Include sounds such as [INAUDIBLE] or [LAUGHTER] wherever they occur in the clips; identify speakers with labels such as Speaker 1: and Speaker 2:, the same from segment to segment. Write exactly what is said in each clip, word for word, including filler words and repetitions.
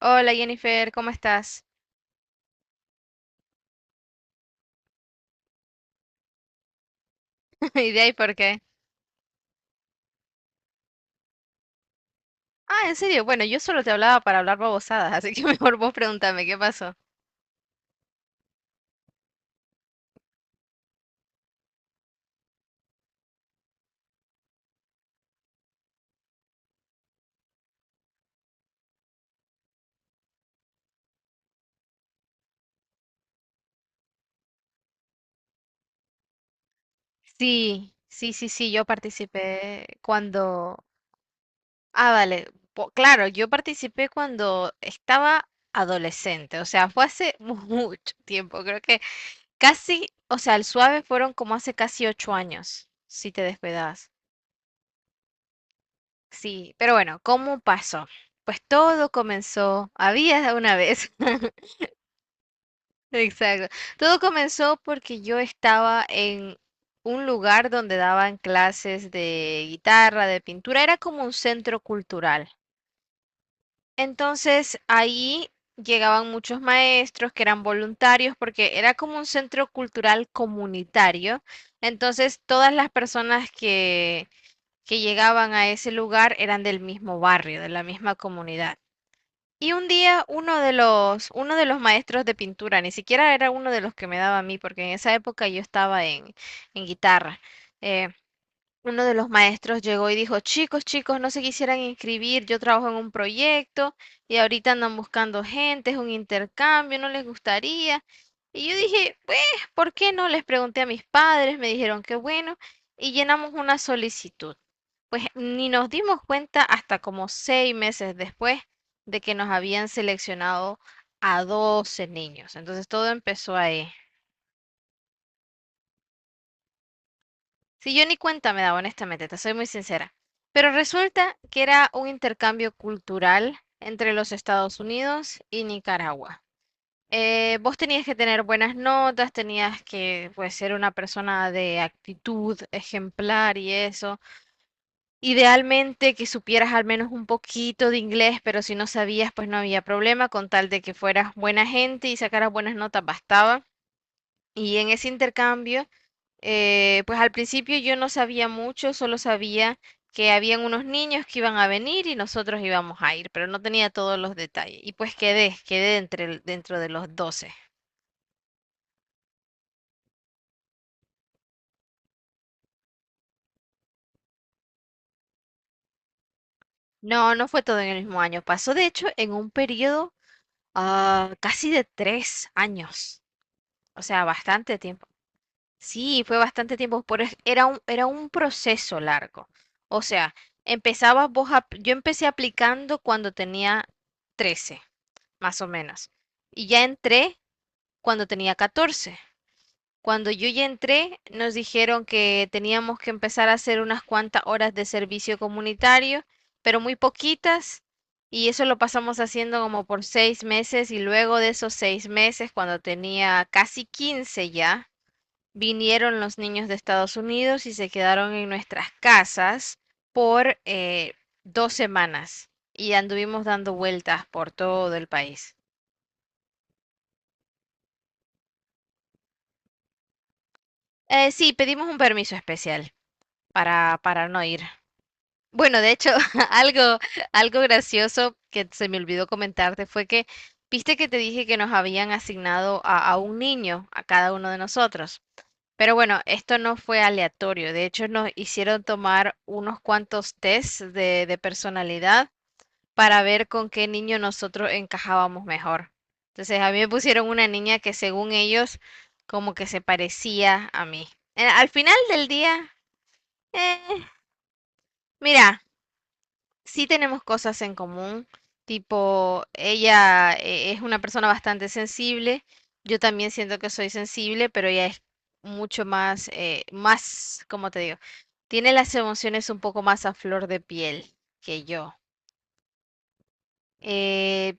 Speaker 1: Hola Jennifer, ¿cómo estás? [LAUGHS] ¿Y de ahí por qué? Ah, en serio, bueno, yo solo te hablaba para hablar babosadas, así que [LAUGHS] mejor vos pregúntame, ¿qué pasó? Sí, sí, sí, sí, yo participé cuando... Ah, vale, po- claro, yo participé cuando estaba adolescente, o sea, fue hace [LAUGHS] mucho tiempo, creo que casi, o sea, el suave fueron como hace casi ocho años, si te descuidabas. Sí, pero bueno, ¿cómo pasó? Pues todo comenzó, había una vez. [LAUGHS] Exacto. Todo comenzó porque yo estaba en un lugar donde daban clases de guitarra, de pintura, era como un centro cultural. Entonces ahí llegaban muchos maestros que eran voluntarios porque era como un centro cultural comunitario. Entonces todas las personas que, que llegaban a ese lugar eran del mismo barrio, de la misma comunidad. Y un día uno de los, uno de los maestros de pintura, ni siquiera era uno de los que me daba a mí, porque en esa época yo estaba en, en guitarra. eh, Uno de los maestros llegó y dijo, chicos, chicos, no se quisieran inscribir, yo trabajo en un proyecto y ahorita andan buscando gente, es un intercambio, no les gustaría. Y yo dije, pues, ¿por qué no? Les pregunté a mis padres, me dijeron que bueno, y llenamos una solicitud. Pues ni nos dimos cuenta hasta como seis meses después de que nos habían seleccionado a doce niños. Entonces todo empezó ahí. Sí, yo ni cuenta me daba, honestamente, te soy muy sincera. Pero resulta que era un intercambio cultural entre los Estados Unidos y Nicaragua. Eh, vos tenías que tener buenas notas, tenías que pues, ser una persona de actitud ejemplar y eso. Idealmente que supieras al menos un poquito de inglés, pero si no sabías, pues no había problema, con tal de que fueras buena gente y sacaras buenas notas, bastaba. Y en ese intercambio, eh, pues al principio yo no sabía mucho, solo sabía que habían unos niños que iban a venir y nosotros íbamos a ir, pero no tenía todos los detalles. Y pues quedé, quedé entre, el- dentro de los doce. No, no fue todo en el mismo año, pasó de hecho en un periodo ah, casi de tres años, o sea, bastante tiempo. Sí, fue bastante tiempo, por es- era un, era un proceso largo. O sea, empezabas vos a- yo empecé aplicando cuando tenía trece, más o menos. Y ya entré cuando tenía catorce. Cuando yo ya entré, nos dijeron que teníamos que empezar a hacer unas cuantas horas de servicio comunitario, pero muy poquitas. Y eso lo pasamos haciendo como por seis meses y luego de esos seis meses, cuando tenía casi quince ya. Vinieron los niños de Estados Unidos y se quedaron en nuestras casas por eh, dos semanas y anduvimos dando vueltas por todo el país. Eh, sí, pedimos un permiso especial para, para no ir. Bueno, de hecho, [LAUGHS] algo, algo gracioso que se me olvidó comentarte fue que, viste que te dije que nos habían asignado a, a un niño, a cada uno de nosotros. Pero bueno, esto no fue aleatorio. De hecho, nos hicieron tomar unos cuantos tests de, de personalidad para ver con qué niño nosotros encajábamos mejor. Entonces, a mí me pusieron una niña que según ellos, como que se parecía a mí. Eh, Al final del día, eh, mira, sí tenemos cosas en común, tipo, ella eh, es una persona bastante sensible, yo también siento que soy sensible, pero ella es mucho más, eh, más, ¿cómo te digo? Tiene las emociones un poco más a flor de piel que yo. Eh,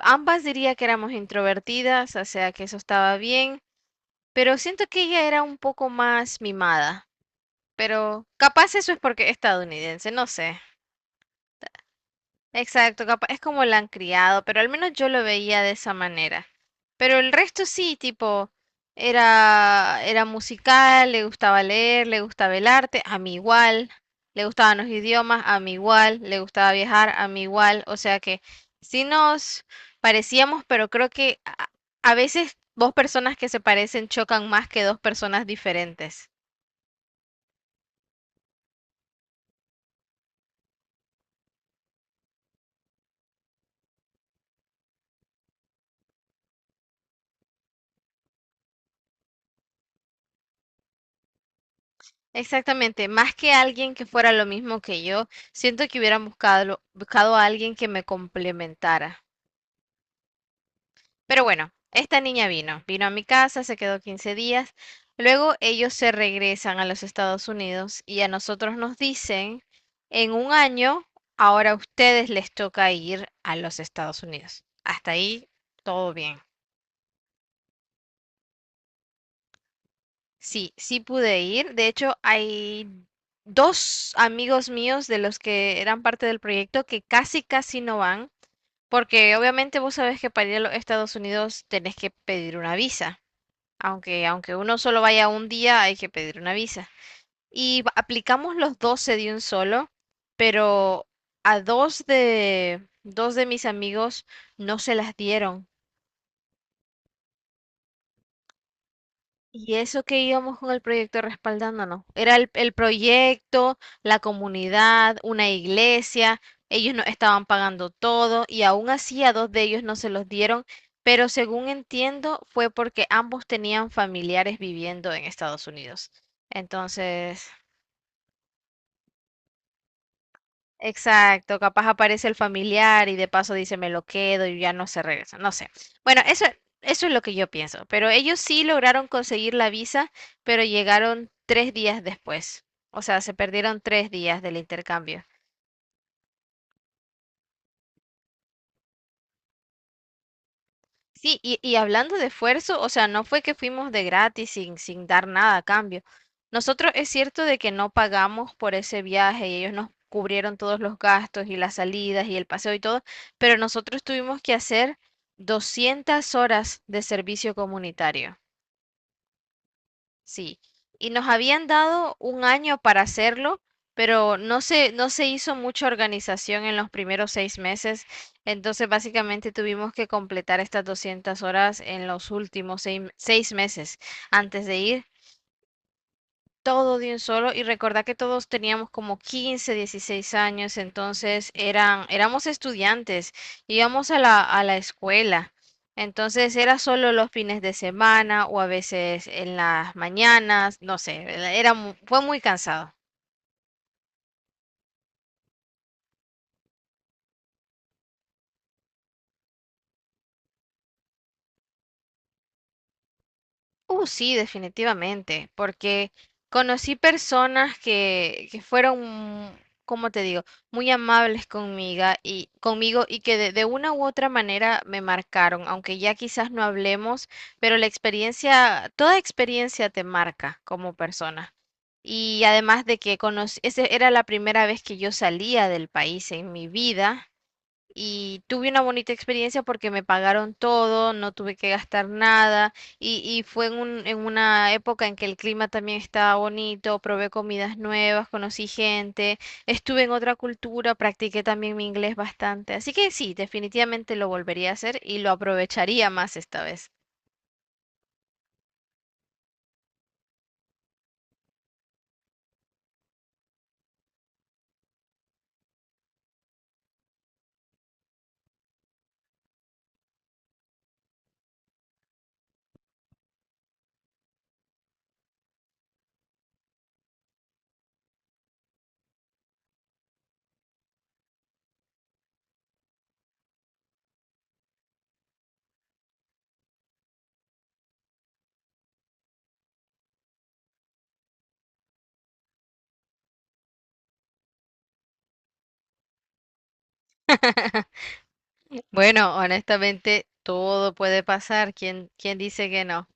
Speaker 1: Ambas diría que éramos introvertidas, o sea que eso estaba bien, pero siento que ella era un poco más mimada, pero capaz eso es porque es estadounidense, no sé. Exacto, capaz es como la han criado, pero al menos yo lo veía de esa manera. Pero el resto sí, tipo, era, era musical, le gustaba leer, le gustaba el arte, a mí igual, le gustaban los idiomas, a mí igual, le gustaba viajar, a mí igual, o sea que sí nos parecíamos, pero creo que a, a veces dos personas que se parecen chocan más que dos personas diferentes. Exactamente, más que alguien que fuera lo mismo que yo, siento que hubieran buscado, buscado a alguien que me complementara. Pero bueno, esta niña vino, vino a mi casa, se quedó quince días, luego ellos se regresan a los Estados Unidos y a nosotros nos dicen, en un año, ahora a ustedes les toca ir a los Estados Unidos. Hasta ahí, todo bien. Sí, sí pude ir. De hecho, hay dos amigos míos de los que eran parte del proyecto que casi, casi no van, porque obviamente vos sabés que para ir a los Estados Unidos tenés que pedir una visa. Aunque, aunque uno solo vaya un día, hay que pedir una visa. Y va- aplicamos los doce de un solo, pero a dos de, dos de mis amigos no se las dieron. Y eso que íbamos con el proyecto respaldándonos. Era el, el proyecto, la comunidad, una iglesia. Ellos no estaban pagando todo y aún así a dos de ellos no se los dieron. Pero según entiendo, fue porque ambos tenían familiares viviendo en Estados Unidos. Entonces, exacto, capaz aparece el familiar y de paso dice me lo quedo y ya no se regresa, no sé. Bueno, eso, eso es lo que yo pienso, pero ellos sí lograron conseguir la visa, pero llegaron tres días después, o sea, se perdieron tres días del intercambio. Sí, y, y hablando de esfuerzo, o sea, no fue que fuimos de gratis sin, sin dar nada a cambio. Nosotros es cierto de que no pagamos por ese viaje y ellos nos cubrieron todos los gastos y las salidas y el paseo y todo, pero nosotros tuvimos que hacer doscientas horas de servicio comunitario. Sí, y nos habían dado un año para hacerlo, pero no se, no se hizo mucha organización en los primeros seis meses, entonces básicamente tuvimos que completar estas doscientas horas en los últimos seis, seis meses antes de ir todo de un solo y recordá que todos teníamos como quince dieciséis años, entonces eran, éramos estudiantes, íbamos a la, a la escuela, entonces era solo los fines de semana o a veces en las mañanas, no sé, era, mu- fue muy cansado. Uh, sí, definitivamente, porque conocí personas que, que fueron, como te digo, muy amables conmigo y, conmigo y que de, de una u otra manera me marcaron, aunque ya quizás no hablemos, pero la experiencia, toda experiencia te marca como persona. Y además de que conocí, esa era la primera vez que yo salía del país en mi vida y tuve una bonita experiencia porque me pagaron todo, no tuve que gastar nada y, y fue en un- en una época en que el clima también estaba bonito, probé comidas nuevas, conocí gente, estuve en otra cultura, practiqué también mi inglés bastante. Así que sí, definitivamente lo volvería a hacer y lo aprovecharía más esta vez. [LAUGHS] Bueno, honestamente, todo puede pasar. ¿Quién, quién dice que no?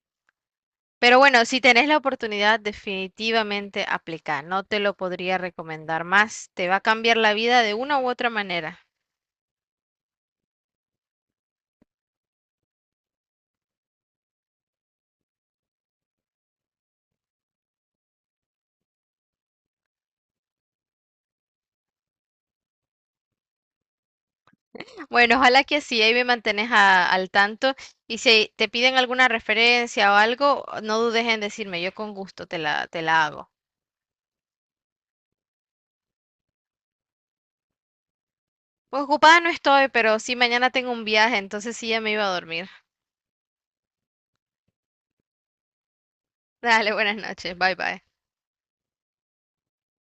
Speaker 1: Pero bueno, si tenés la oportunidad, definitivamente aplica. No te lo podría recomendar más. Te va a cambiar la vida de una u otra manera. Bueno, ojalá que así ahí me mantenés a- al tanto. Y si te piden alguna referencia o algo, no dudes en decirme. Yo con gusto te la, te la hago. Pues ocupada no estoy, pero sí mañana tengo un viaje, entonces sí ya me iba a dormir. Dale, buenas noches. Bye bye.